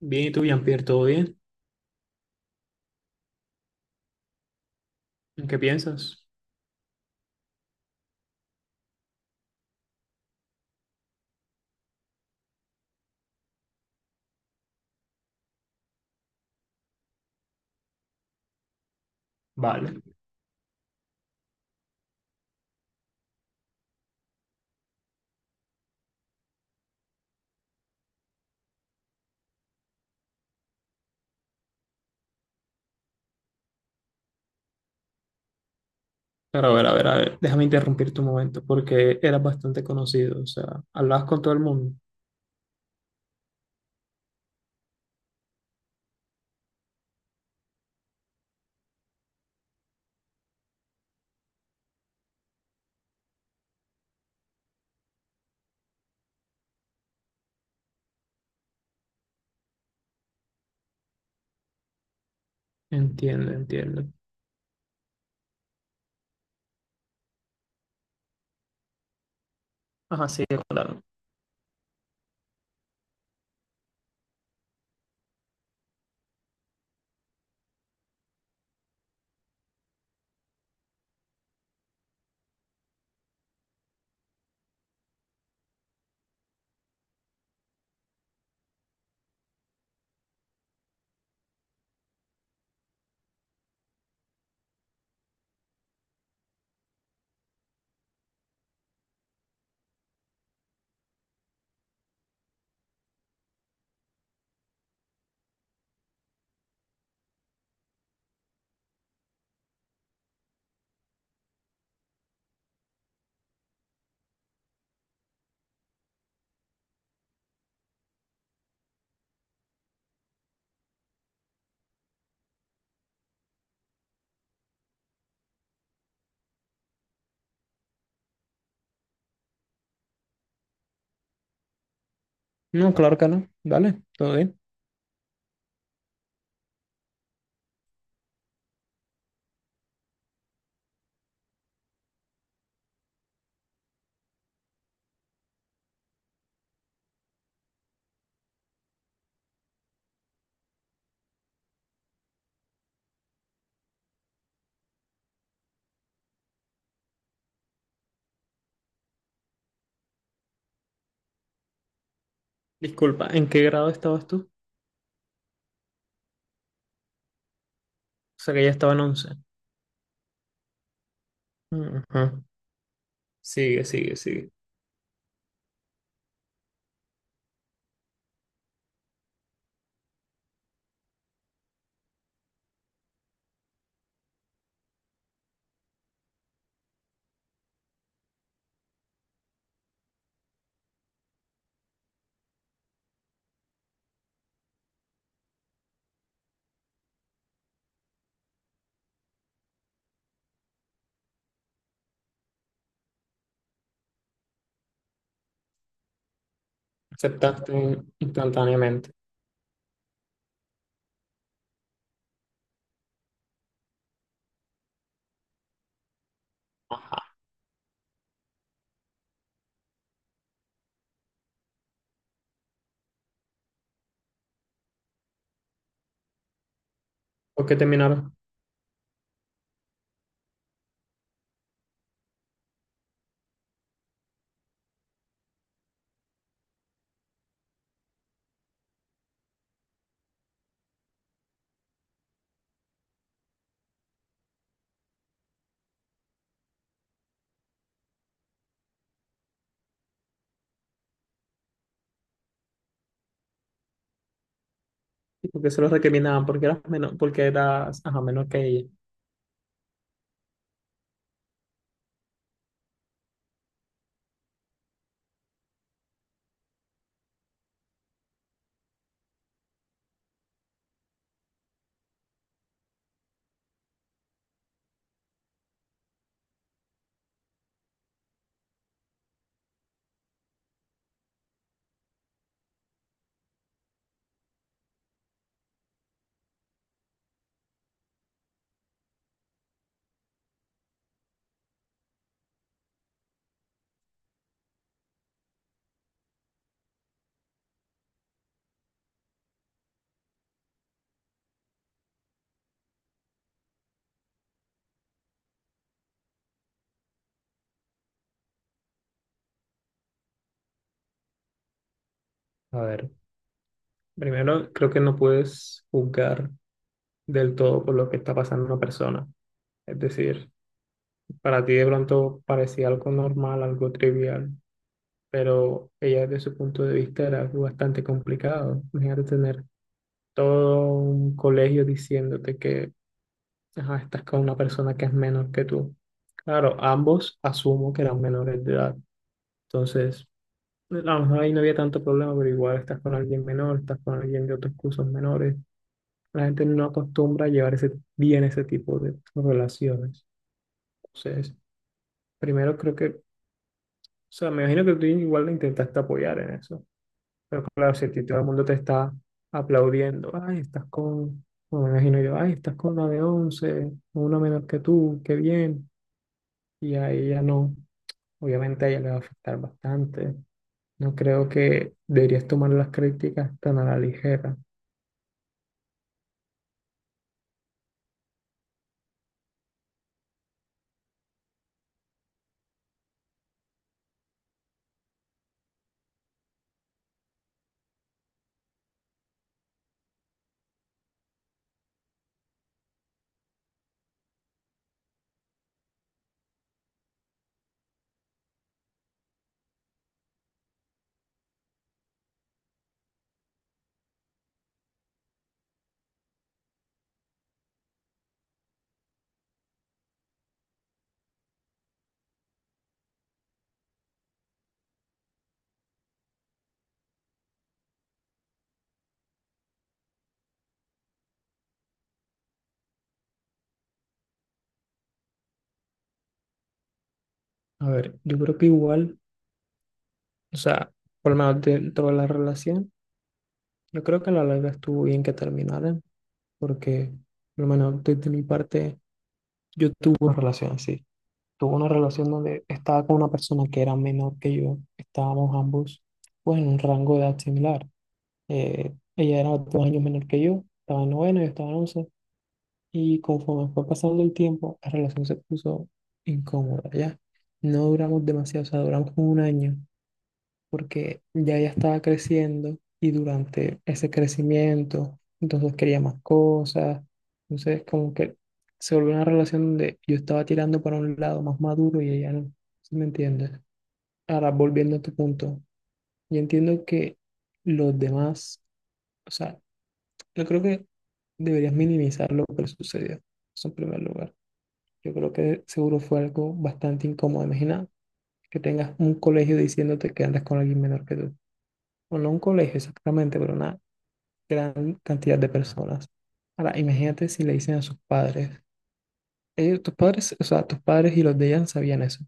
Bien, ¿y tú, Jean-Pierre, todo bien? ¿En qué piensas? Vale. Pero a ver, a ver, a ver, déjame interrumpir tu momento porque eras bastante conocido, o sea, hablabas con todo el mundo. Entiendo, entiendo. Ajá, sí, claro. No, claro que no. Dale, todo bien. Disculpa, ¿en qué grado estabas tú? O sea, que ya estaba en 11. Ajá. Sigue, sigue, sigue. Aceptaste instantáneamente. Ajá. ¿Por qué terminaron? ¿Y por qué se los recriminaban? Porque eras menor, porque eras, ajá, menor que ella. A ver, primero creo que no puedes juzgar del todo por lo que está pasando una persona. Es decir, para ti de pronto parecía algo normal, algo trivial, pero ella desde su punto de vista era algo bastante complicado. Imagínate tener todo un colegio diciéndote que ajá, estás con una persona que es menor que tú. Claro, ambos asumo que eran menores de edad. Entonces, a lo mejor ahí no había tanto problema, pero igual estás con alguien menor, estás con alguien de otros cursos menores. La gente no acostumbra a llevar ese, bien ese tipo de relaciones. Entonces, primero creo que, o sea, me imagino que tú igual le intentaste apoyar en eso, pero claro, si a ti todo el mundo te está aplaudiendo, ay, estás con, bueno, me imagino yo, ay, estás con una de 11 una menos que tú, qué bien, y a ella no, obviamente a ella le va a afectar bastante. No creo que deberías tomar las críticas tan a la ligera. A ver, yo creo que igual, o sea, por lo menos dentro de la relación, yo creo que a la larga estuvo bien que terminaran, porque por lo menos desde mi parte yo tuve una relación así. Tuve una relación donde estaba con una persona que era menor que yo. Estábamos ambos, pues, en un rango de edad similar. Ella era dos años menor que yo. Estaba en noveno, yo estaba en once. Y conforme fue pasando el tiempo, la relación se puso incómoda, ¿ya? No duramos demasiado, o sea, duramos como un año porque ya ella estaba creciendo y durante ese crecimiento, entonces quería más cosas, entonces como que se volvió una relación donde yo estaba tirando para un lado más maduro y ella no, ¿sí me entiendes? Ahora, volviendo a tu punto, yo entiendo que los demás, o sea, yo creo que deberías minimizar lo que le sucedió, eso en primer lugar. Yo creo que seguro fue algo bastante incómodo. Imagina que tengas un colegio diciéndote que andas con alguien menor que tú. O no un colegio exactamente, pero una gran cantidad de personas. Ahora, imagínate si le dicen a sus padres, ellos, tus padres, o sea, tus padres y los de ella sabían eso.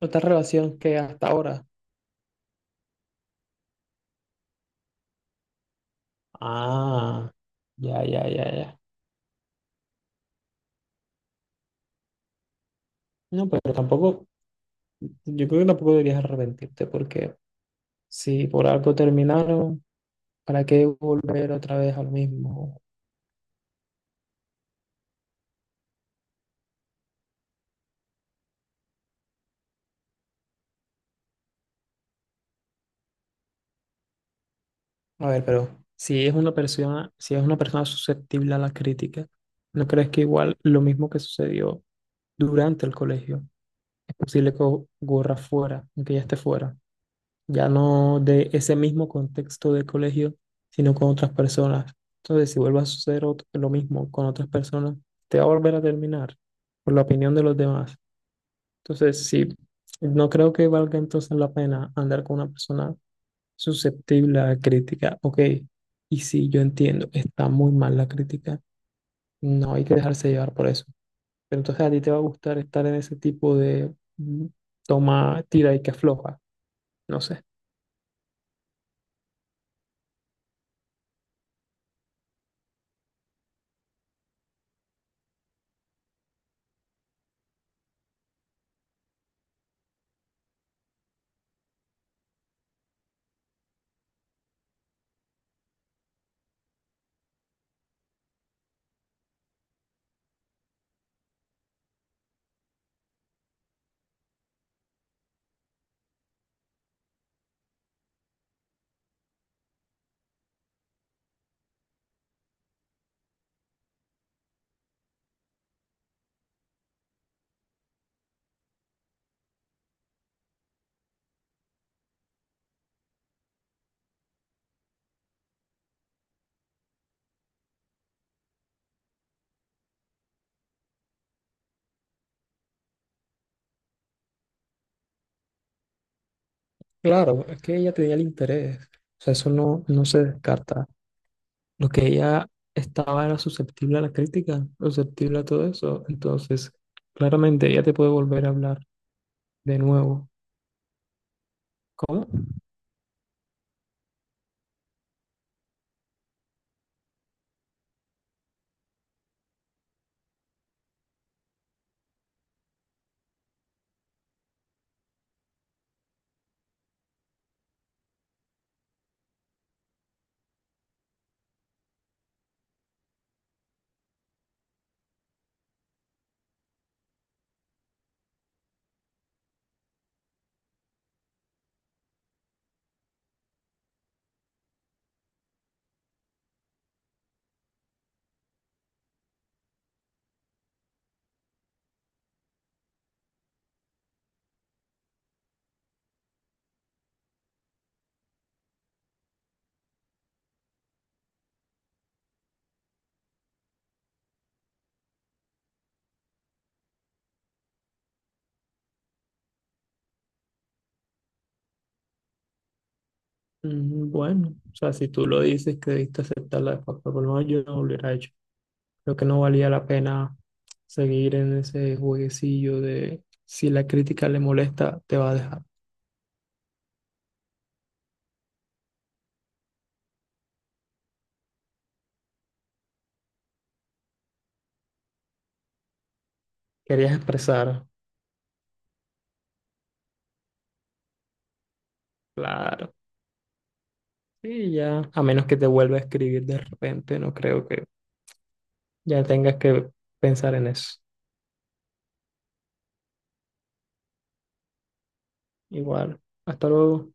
¿Otra relación que hasta ahora? Ah, ya, ya, ya, ya. No, pero tampoco, yo creo que tampoco deberías arrepentirte porque si por algo terminaron, ¿para qué volver otra vez a lo mismo? A ver, pero si es una persona, si es una persona susceptible a la crítica, ¿no crees que igual lo mismo que sucedió durante el colegio es posible que ocurra fuera, aunque ya esté fuera, ya no de ese mismo contexto de colegio, sino con otras personas? Entonces, si vuelve a suceder lo mismo con otras personas, te va a volver a terminar por la opinión de los demás. Entonces, sí, no creo que valga entonces la pena andar con una persona susceptible a crítica. Ok, y sí, yo entiendo, está muy mal la crítica, no hay que dejarse llevar por eso. Pero entonces a ti te va a gustar estar en ese tipo de toma, tira y que afloja. No sé. Claro, es que ella tenía el interés. O sea, eso no, no se descarta. Lo que ella estaba era susceptible a la crítica, susceptible a todo eso. Entonces, claramente ella te puede volver a hablar de nuevo. ¿Cómo? Mm, bueno, o sea, si tú lo dices que debiste aceptarla de facto, por lo menos yo no lo hubiera hecho. Creo que no valía la pena seguir en ese jueguecillo de si la crítica le molesta, te va a dejar. Querías expresar, claro. Y ya, a menos que te vuelva a escribir de repente, no creo que ya tengas que pensar en eso. Igual, hasta luego.